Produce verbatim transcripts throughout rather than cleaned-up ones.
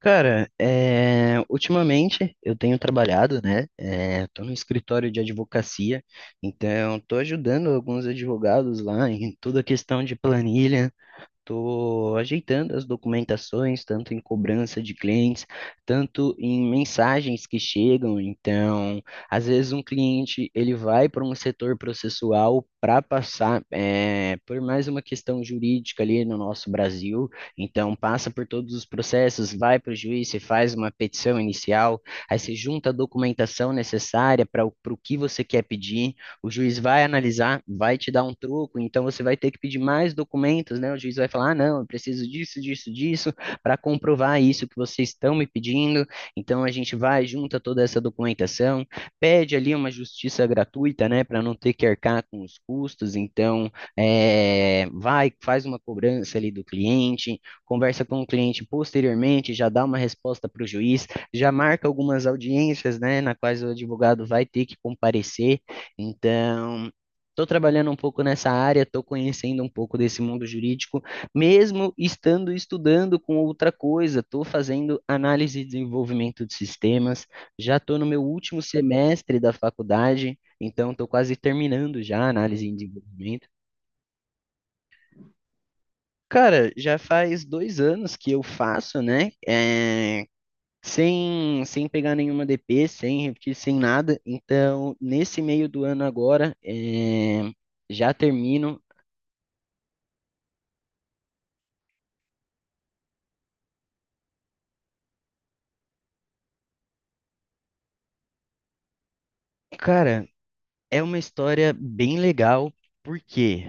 Cara, é, ultimamente eu tenho trabalhado, né? É, tô no escritório de advocacia, então tô ajudando alguns advogados lá em toda a questão de planilha. Estou ajeitando as documentações, tanto em cobrança de clientes, tanto em mensagens que chegam. Então, às vezes um cliente ele vai para um setor processual para passar eh, por mais uma questão jurídica ali no nosso Brasil. Então, passa por todos os processos, vai para o juiz, você faz uma petição inicial, aí você junta a documentação necessária para o pro que você quer pedir. O juiz vai analisar, vai te dar um troco, então você vai ter que pedir mais documentos, né? O juiz vai falar, ah, não, eu preciso disso, disso, disso, para comprovar isso que vocês estão me pedindo. Então a gente vai, junta toda essa documentação, pede ali uma justiça gratuita, né, para não ter que arcar com os custos. Então, é, vai, faz uma cobrança ali do cliente, conversa com o cliente posteriormente, já dá uma resposta para o juiz, já marca algumas audiências, né, na quais o advogado vai ter que comparecer. Então, estou trabalhando um pouco nessa área, estou conhecendo um pouco desse mundo jurídico, mesmo estando estudando com outra coisa, estou fazendo análise e desenvolvimento de sistemas, já estou no meu último semestre da faculdade, então estou quase terminando já a análise e desenvolvimento. Cara, já faz dois anos que eu faço, né? É, sem, sem pegar nenhuma D P, sem repetir, sem nada. Então, nesse meio do ano agora, é, já termino. Cara, é uma história bem legal, porque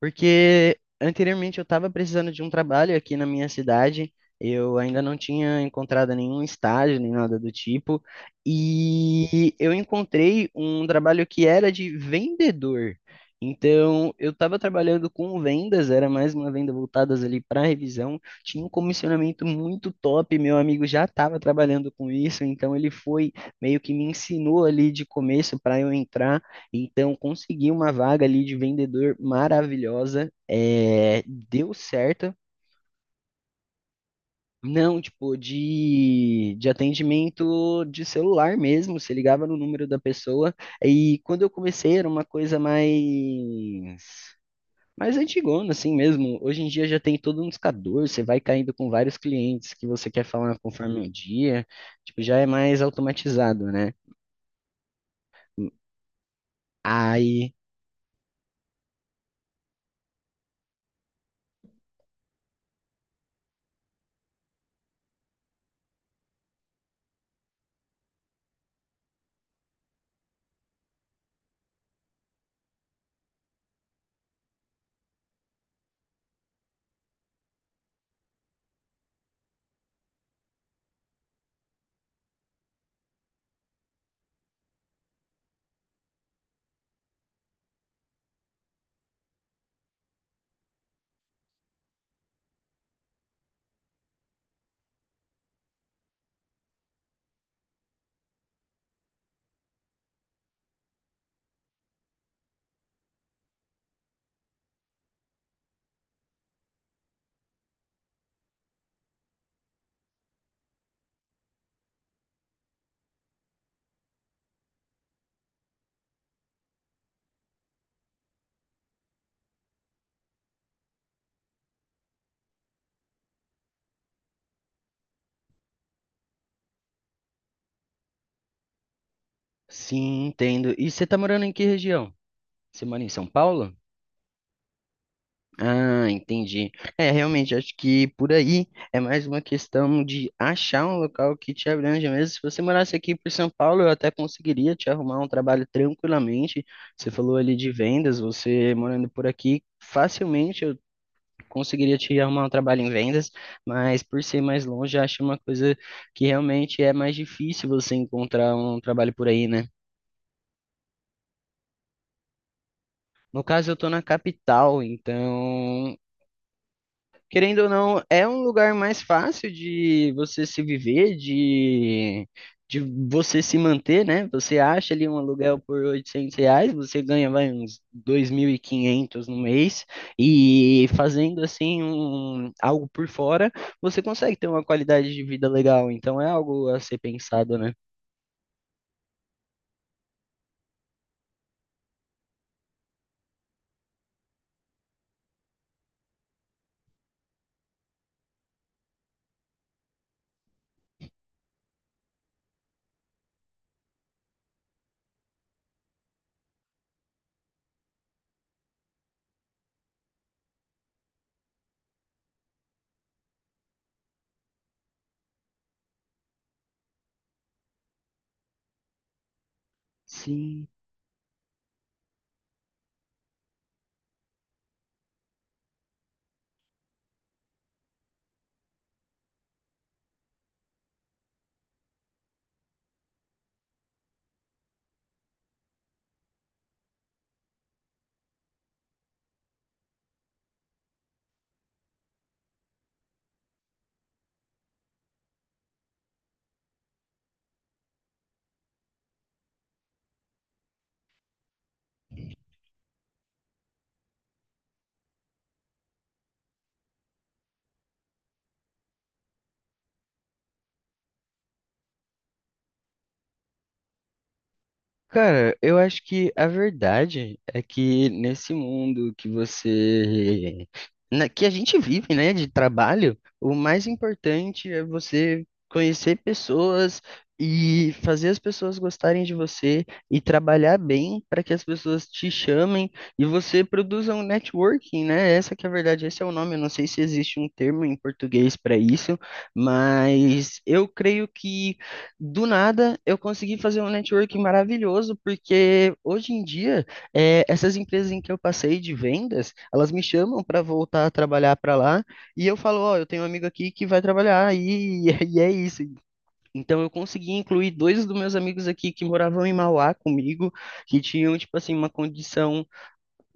porque anteriormente eu estava precisando de um trabalho aqui na minha cidade, eu ainda não tinha encontrado nenhum estágio nem nada do tipo, e eu encontrei um trabalho que era de vendedor. Então, eu estava trabalhando com vendas, era mais uma venda voltadas ali para revisão. Tinha um comissionamento muito top, meu amigo já estava trabalhando com isso, então ele foi meio que me ensinou ali de começo para eu entrar. Então, consegui uma vaga ali de vendedor maravilhosa, é, deu certo. Não, tipo, de, de atendimento de celular mesmo, você ligava no número da pessoa. E quando eu comecei era uma coisa mais, mais antigona, assim mesmo. Hoje em dia já tem todo um discador, você vai caindo com vários clientes que você quer falar conforme o dia. Tipo, já é mais automatizado, né? Aí, sim, entendo. E você tá morando em que região? Você mora em São Paulo? Ah, entendi. É, realmente, acho que por aí é mais uma questão de achar um local que te abrange mesmo. Se você morasse aqui por São Paulo, eu até conseguiria te arrumar um trabalho tranquilamente. Você falou ali de vendas, você morando por aqui, facilmente eu conseguiria te arrumar um trabalho em vendas, mas por ser mais longe, acho uma coisa que realmente é mais difícil você encontrar um trabalho por aí, né? No caso, eu tô na capital, então querendo ou não, é um lugar mais fácil de você se viver, de, de você se manter, né? Você acha ali um aluguel por oitocentos reais, você ganha vai, uns dois mil e quinhentos no mês, e fazendo assim um, algo por fora, você consegue ter uma qualidade de vida legal. Então é algo a ser pensado, né? Sim. Cara, eu acho que a verdade é que nesse mundo que você, na- que a gente vive, né, de trabalho, o mais importante é você conhecer pessoas e fazer as pessoas gostarem de você e trabalhar bem para que as pessoas te chamem e você produza um networking, né? Essa que é a verdade, esse é o nome. Eu não sei se existe um termo em português para isso, mas eu creio que do nada, eu consegui fazer um networking maravilhoso, porque hoje em dia, eh, essas empresas em que eu passei de vendas, elas me chamam para voltar a trabalhar para lá, e eu falo, ó, eu tenho um amigo aqui que vai trabalhar, e, e é isso. Então, eu consegui incluir dois dos meus amigos aqui que moravam em Mauá comigo, que tinham, tipo assim, uma condição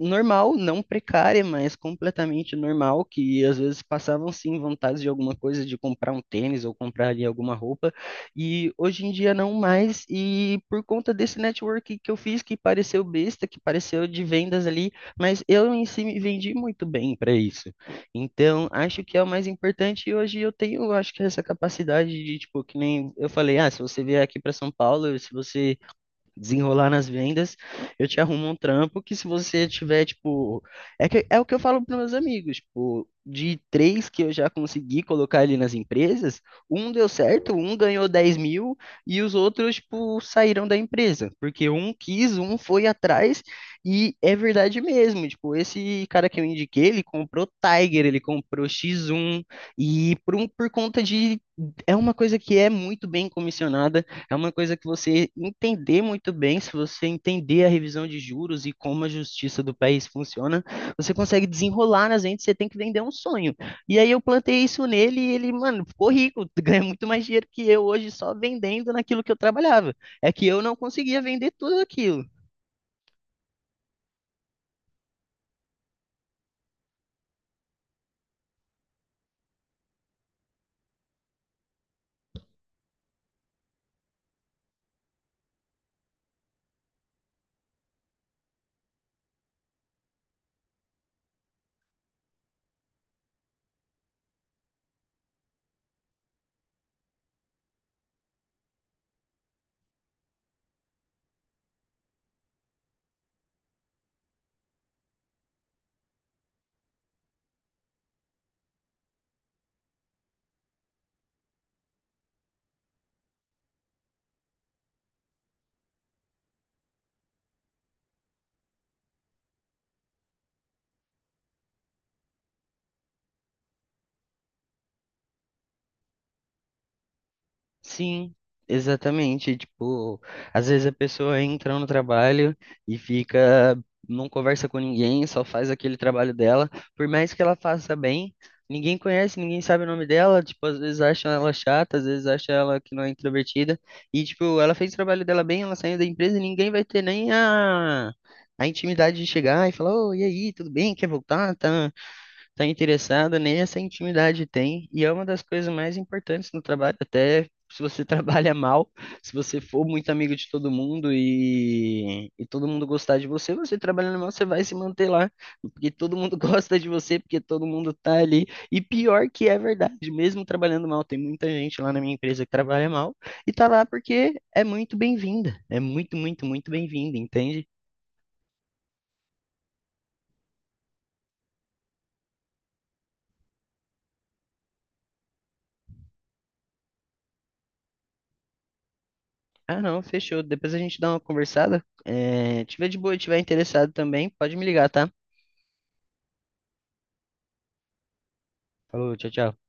normal, não precária, mas completamente normal, que às vezes passavam sim vontade de alguma coisa, de comprar um tênis ou comprar ali alguma roupa, e hoje em dia não mais, e por conta desse network que eu fiz, que pareceu besta, que pareceu de vendas ali, mas eu em si me vendi muito bem para isso. Então, acho que é o mais importante, e hoje eu tenho, acho que essa capacidade de, tipo, que nem eu falei, ah, se você vier aqui para São Paulo, se você desenrolar nas vendas, eu te arrumo um trampo que se você tiver, tipo, é que, é o que eu falo para meus amigos, tipo, de três que eu já consegui colocar ali nas empresas, um deu certo, um ganhou dez mil e os outros, tipo, saíram da empresa, porque um quis, um foi atrás e é verdade mesmo, tipo, esse cara que eu indiquei, ele comprou Tiger, ele comprou X um e por, um, por conta de, é uma coisa que é muito bem comissionada, é uma coisa que você entender muito bem, se você entender a revisão de juros e como a justiça do país funciona, você consegue desenrolar nas vendas, você tem que vender um sonho. E aí eu plantei isso nele e ele, mano, ficou rico, ganha muito mais dinheiro que eu hoje só vendendo naquilo que eu trabalhava. É que eu não conseguia vender tudo aquilo. Sim, exatamente. Tipo, às vezes a pessoa entra no trabalho e fica, não conversa com ninguém, só faz aquele trabalho dela. Por mais que ela faça bem, ninguém conhece, ninguém sabe o nome dela. Tipo, às vezes acham ela chata, às vezes acham ela que não é introvertida. E, tipo, ela fez o trabalho dela bem, ela saiu da empresa e ninguém vai ter nem a, a intimidade de chegar e falar, ô, e aí, tudo bem? Quer voltar? Tá? Está interessada, nem essa intimidade tem, e é uma das coisas mais importantes no trabalho, até se você trabalha mal, se você for muito amigo de todo mundo e, e todo mundo gostar de você, você trabalhando mal, você vai se manter lá, porque todo mundo gosta de você, porque todo mundo tá ali, e pior que é verdade, mesmo trabalhando mal, tem muita gente lá na minha empresa que trabalha mal, e tá lá porque é muito bem-vinda, é muito, muito, muito bem-vinda, entende? Ah, não, fechou. Depois a gente dá uma conversada. É, tiver de boa, e tiver interessado também, pode me ligar, tá? Falou, tchau, tchau.